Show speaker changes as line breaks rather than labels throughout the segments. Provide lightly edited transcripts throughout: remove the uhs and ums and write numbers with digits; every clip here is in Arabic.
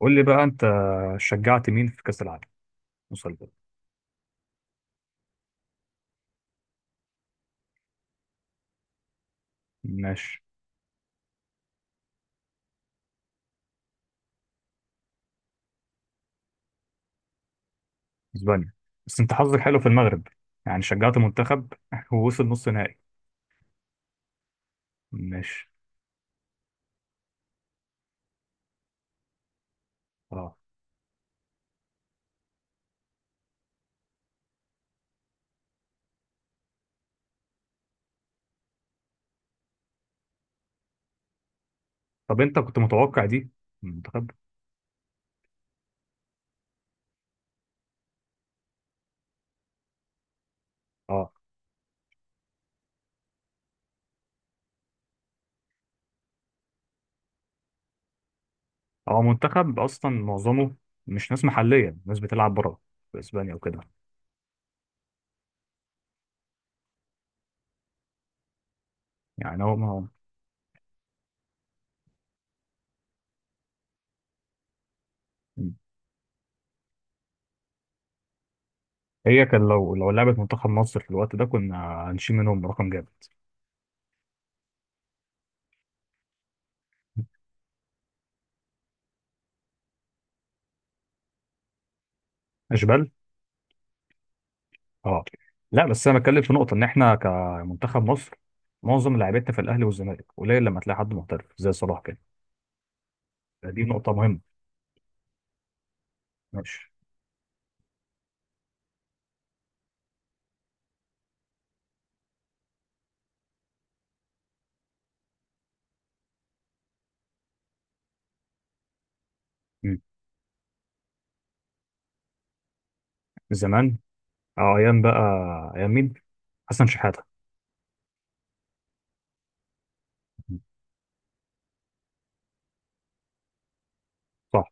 قول لي بقى انت شجعت مين في كأس العالم وصل ده؟ ماشي. اسبانيا. بس انت حظك حلو في المغرب، يعني شجعت منتخب ووصل نص نهائي. ماشي. اه. طب انت كنت متوقع دي من منتخب؟ اه. هو منتخب اصلا معظمه مش ناس محلية، ناس بتلعب بره في اسبانيا وكده. يعني هو ما هي كان لو لعبت منتخب مصر في الوقت ده كنا هنشيل منهم رقم جامد. اشبال اه. لا بس انا بتكلم في نقطه ان احنا كمنتخب مصر معظم لعيبتنا في الاهلي والزمالك، قليل لما تلاقي حد محترف زي صلاح كده. دي نقطه مهمه. ماشي. مم. زمان. اه ايام بقى. ايام مين؟ حسن شحاته. مم. صح.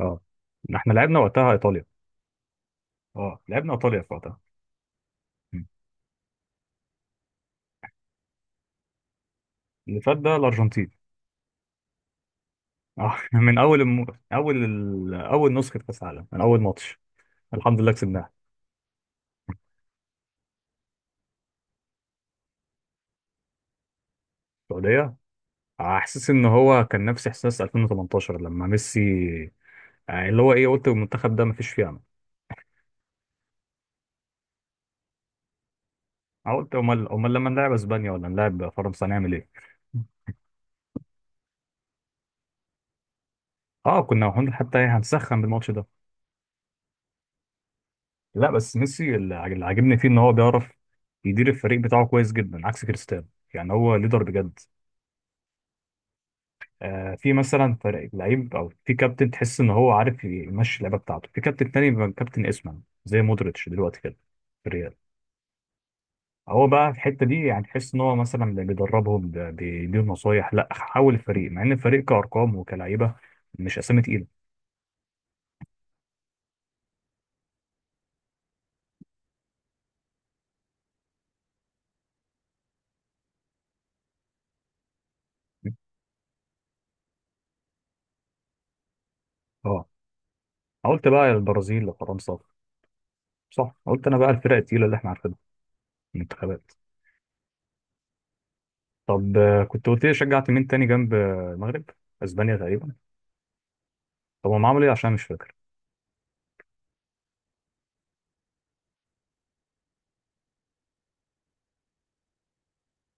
اه احنا لعبنا وقتها ايطاليا. اه لعبنا ايطاليا في وقتها. مم. اللي فات ده الارجنتين. اه من اول الم... اول ال... اول نسخه كاس عالم من اول ماتش. الحمد لله كسبناها. السعوديه. آه، احساس ان هو كان نفس احساس 2018 لما ميسي. يعني اللي هو ايه، قلت المنتخب ده مفيش فيه امل. أنا قلت امال امال لما نلعب اسبانيا ولا نلعب فرنسا هنعمل ايه. اه كنا حتى إيه، هنسخن بالماتش ده. لا بس ميسي اللي عاجبني فيه ان هو بيعرف يدير الفريق بتاعه كويس جدا عكس كريستيانو. يعني هو ليدر بجد. آه، في مثلا فريق لعيب او في كابتن تحس ان هو عارف يمشي اللعبه بتاعته، في كابتن تاني بيبقى كابتن اسمه زي مودريتش دلوقتي كده في الريال. هو بقى في الحته دي، يعني تحس ان هو مثلا اللي بيدربهم ده بيديهم نصايح لا حول الفريق مع ان الفريق كارقام وكلعيبه مش اسامي تقيله. اه قلت بقى البرازيل لفرنسا. صح قلت انا بقى الفرق التقيله اللي احنا عارفينها. المنتخبات. طب آه، كنت قلت لي شجعت مين تاني جنب آه، المغرب؟ اسبانيا تقريبا. طب هم عملوا ايه؟ عشان مش فاكر.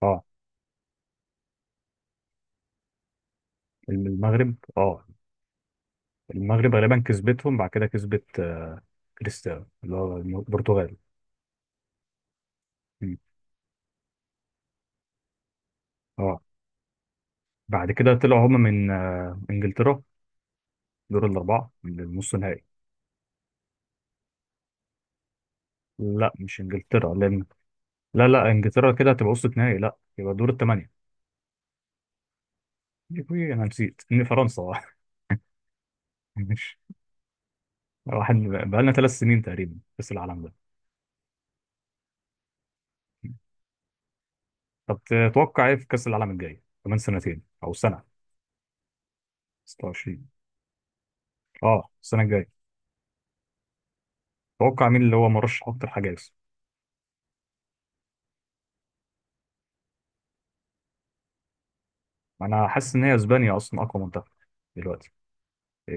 اه المغرب اه. المغرب غالبا كسبتهم، بعد كده كسبت آه، كريستيانو اللي هو البرتغال. مم. اه بعد كده طلعوا هم من آه، انجلترا، دور الأربعة للنص نهائي. لا مش إنجلترا لأن، لا لا إنجلترا كده هتبقى وسط نهائي، لا يبقى دور الثمانية. يبقى أنا نسيت إن فرنسا مش واحد، بقالنا ثلاث سنين تقريبا كأس العالم ده. طب تتوقع إيه في كأس العالم الجاي كمان سنتين أو سنة؟ 26. أه السنة الجاية. تتوقع مين اللي هو مرشح أكتر حاجة يكسب؟ أنا حاسس إن هي أسبانيا أصلا أقوى منتخب دلوقتي،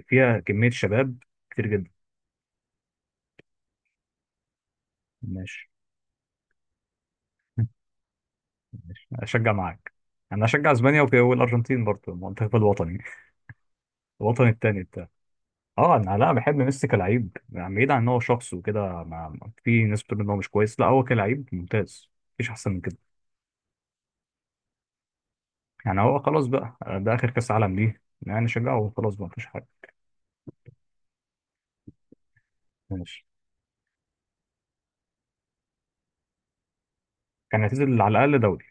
فيها كمية شباب كتير جدا. ماشي ماشي، أشجع معاك. انا اشجع اسبانيا والارجنتين برضه، المنتخب الوطني، الوطن التاني بتاعه. اه انا لا، بحب ميسي كلاعب يعني، بعيد عن ان هو شخص وكده. في ناس بتقول ان هو مش كويس، لا هو كلاعب ممتاز مفيش احسن من كده. يعني هو خلاص بقى ده اخر كاس عالم ليه، يعني شجعه وخلاص بقى مفيش حاجه. ماشي. كان هتنزل على الاقل دوري،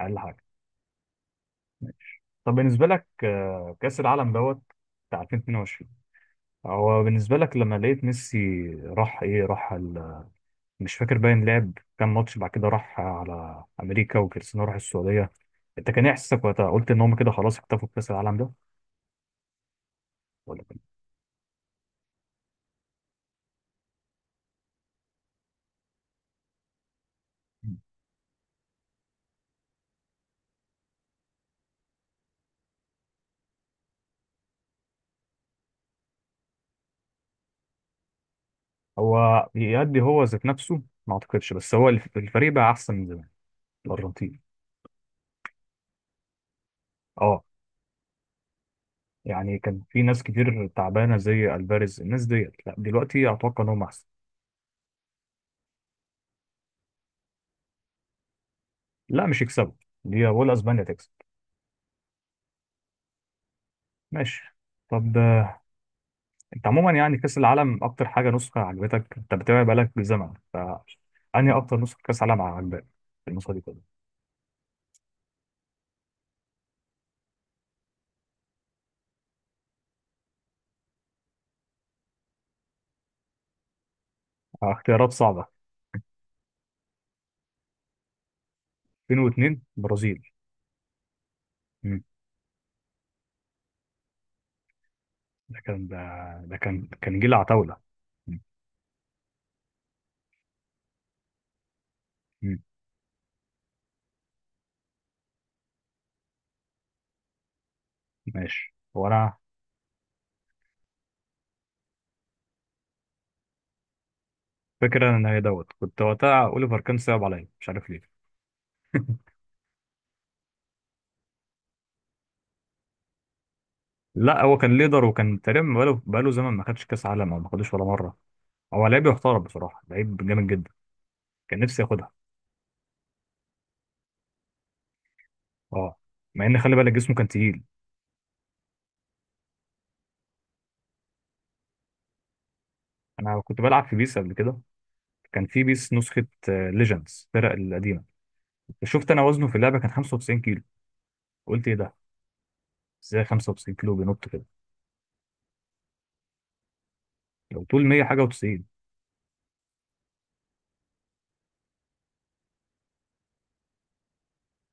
اقل حاجه. ماشي. طب بالنسبه لك آه، كاس العالم دوت بتاع 2022. هو بالنسبه لك لما لقيت ميسي راح، ايه، راح مش فاكر، باين لعب كام ماتش بعد كده راح على امريكا وكريستيانو راح السعوديه، انت كان ايه احساسك وقتها؟ قلت ان هم كده خلاص اكتفوا بكاس العالم ده ولا كان؟ هو يأدي هو ذات نفسه؟ ما اعتقدش، بس هو الفريق بقى احسن من زمان، الارجنتين. اه، يعني كان في ناس كتير تعبانه زي الفاريز، الناس ديت لا دلوقتي اتوقع ان هم احسن. لا مش يكسبوا دي، ولا اسبانيا تكسب. ماشي. طب انت عموما يعني كاس العالم اكتر حاجه نسخه عجبتك، انت بتتابع بقالك زمن، فانهي اكتر نسخه كاس عالم عجبتك في النسخه دي كلها؟ آه، اختيارات صعبه. 2002 برازيل. مم. ده كان ده, ده كان كان جيل عتاوله. مم. مم. ماشي. هو انا فاكر ان هي دوت كنت وقتها اوليفر كان صعب عليا، مش عارف ليه. لا هو كان ليدر، وكان تقريبا بقاله زمن ما خدش كاس عالم او ما خدوش ولا مره. هو لعيب يحترم بصراحه، لعيب جامد جدا. كان نفسي ياخدها. اه، مع ان خلي بالك جسمه كان تقيل. انا كنت بلعب في بيس قبل كده، كان في بيس نسخه ليجندز الفرق القديمه. شفت انا وزنه في اللعبه كان 95 كيلو. قلت ايه ده، ازاي 95 كيلو بينط كده؟ لو طول 100 حاجه و90.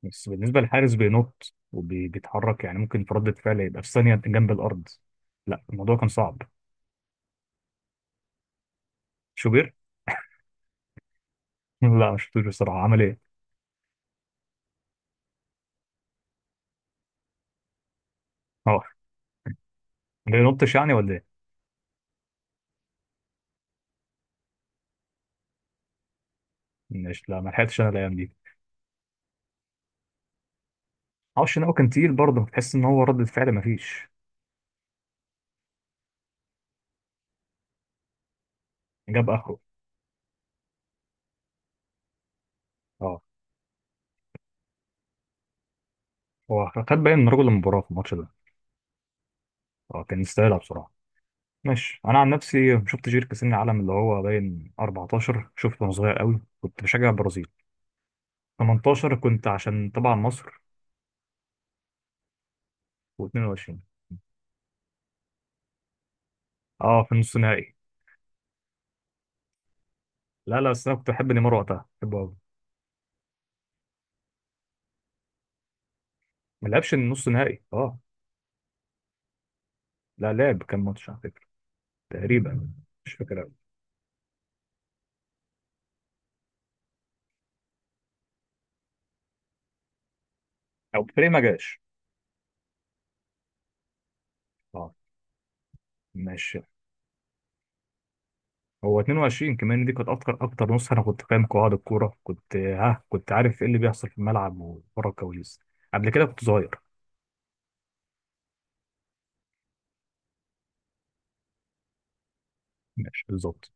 بس بالنسبه للحارس بينط وبيتحرك، يعني ممكن في ردة فعل يبقى في ثانيه جنب الارض. لا الموضوع كان صعب. شوبير لا ما شفتوش بصراحه، عمل ايه. اه ما بينطش يعني، ولا ايه؟ مش، لا ما لحقتش انا الايام دي. معرفش ان هو كان تقيل برضه، تحس ان هو ردة فعل ما فيش. جاب اخره. اه هو خد باين من رجل المباراه في الماتش ده. اه كان يستاهلها بصراحه. ماشي. انا عن نفسي شفت جير كاس العالم اللي هو باين 14 شفته وانا صغير قوي، كنت بشجع البرازيل. 18 كنت عشان طبعا مصر. و22 اه في النص نهائي. لا لا، بس انا كنت بحب نيمار وقتها، بحبه قوي. ما لعبش النص نهائي اه. لا لعب، كان ماتش على فكره تقريبا، مش فاكر قوي. او فريق ما جاش. اه. ماشي. هو 22 كمان دي كانت اكتر نص، انا كنت فاهم قواعد الكوره، كنت كنت عارف ايه اللي بيحصل في الملعب وورا الكواليس. قبل كده كنت صغير. ماشي بالظبط.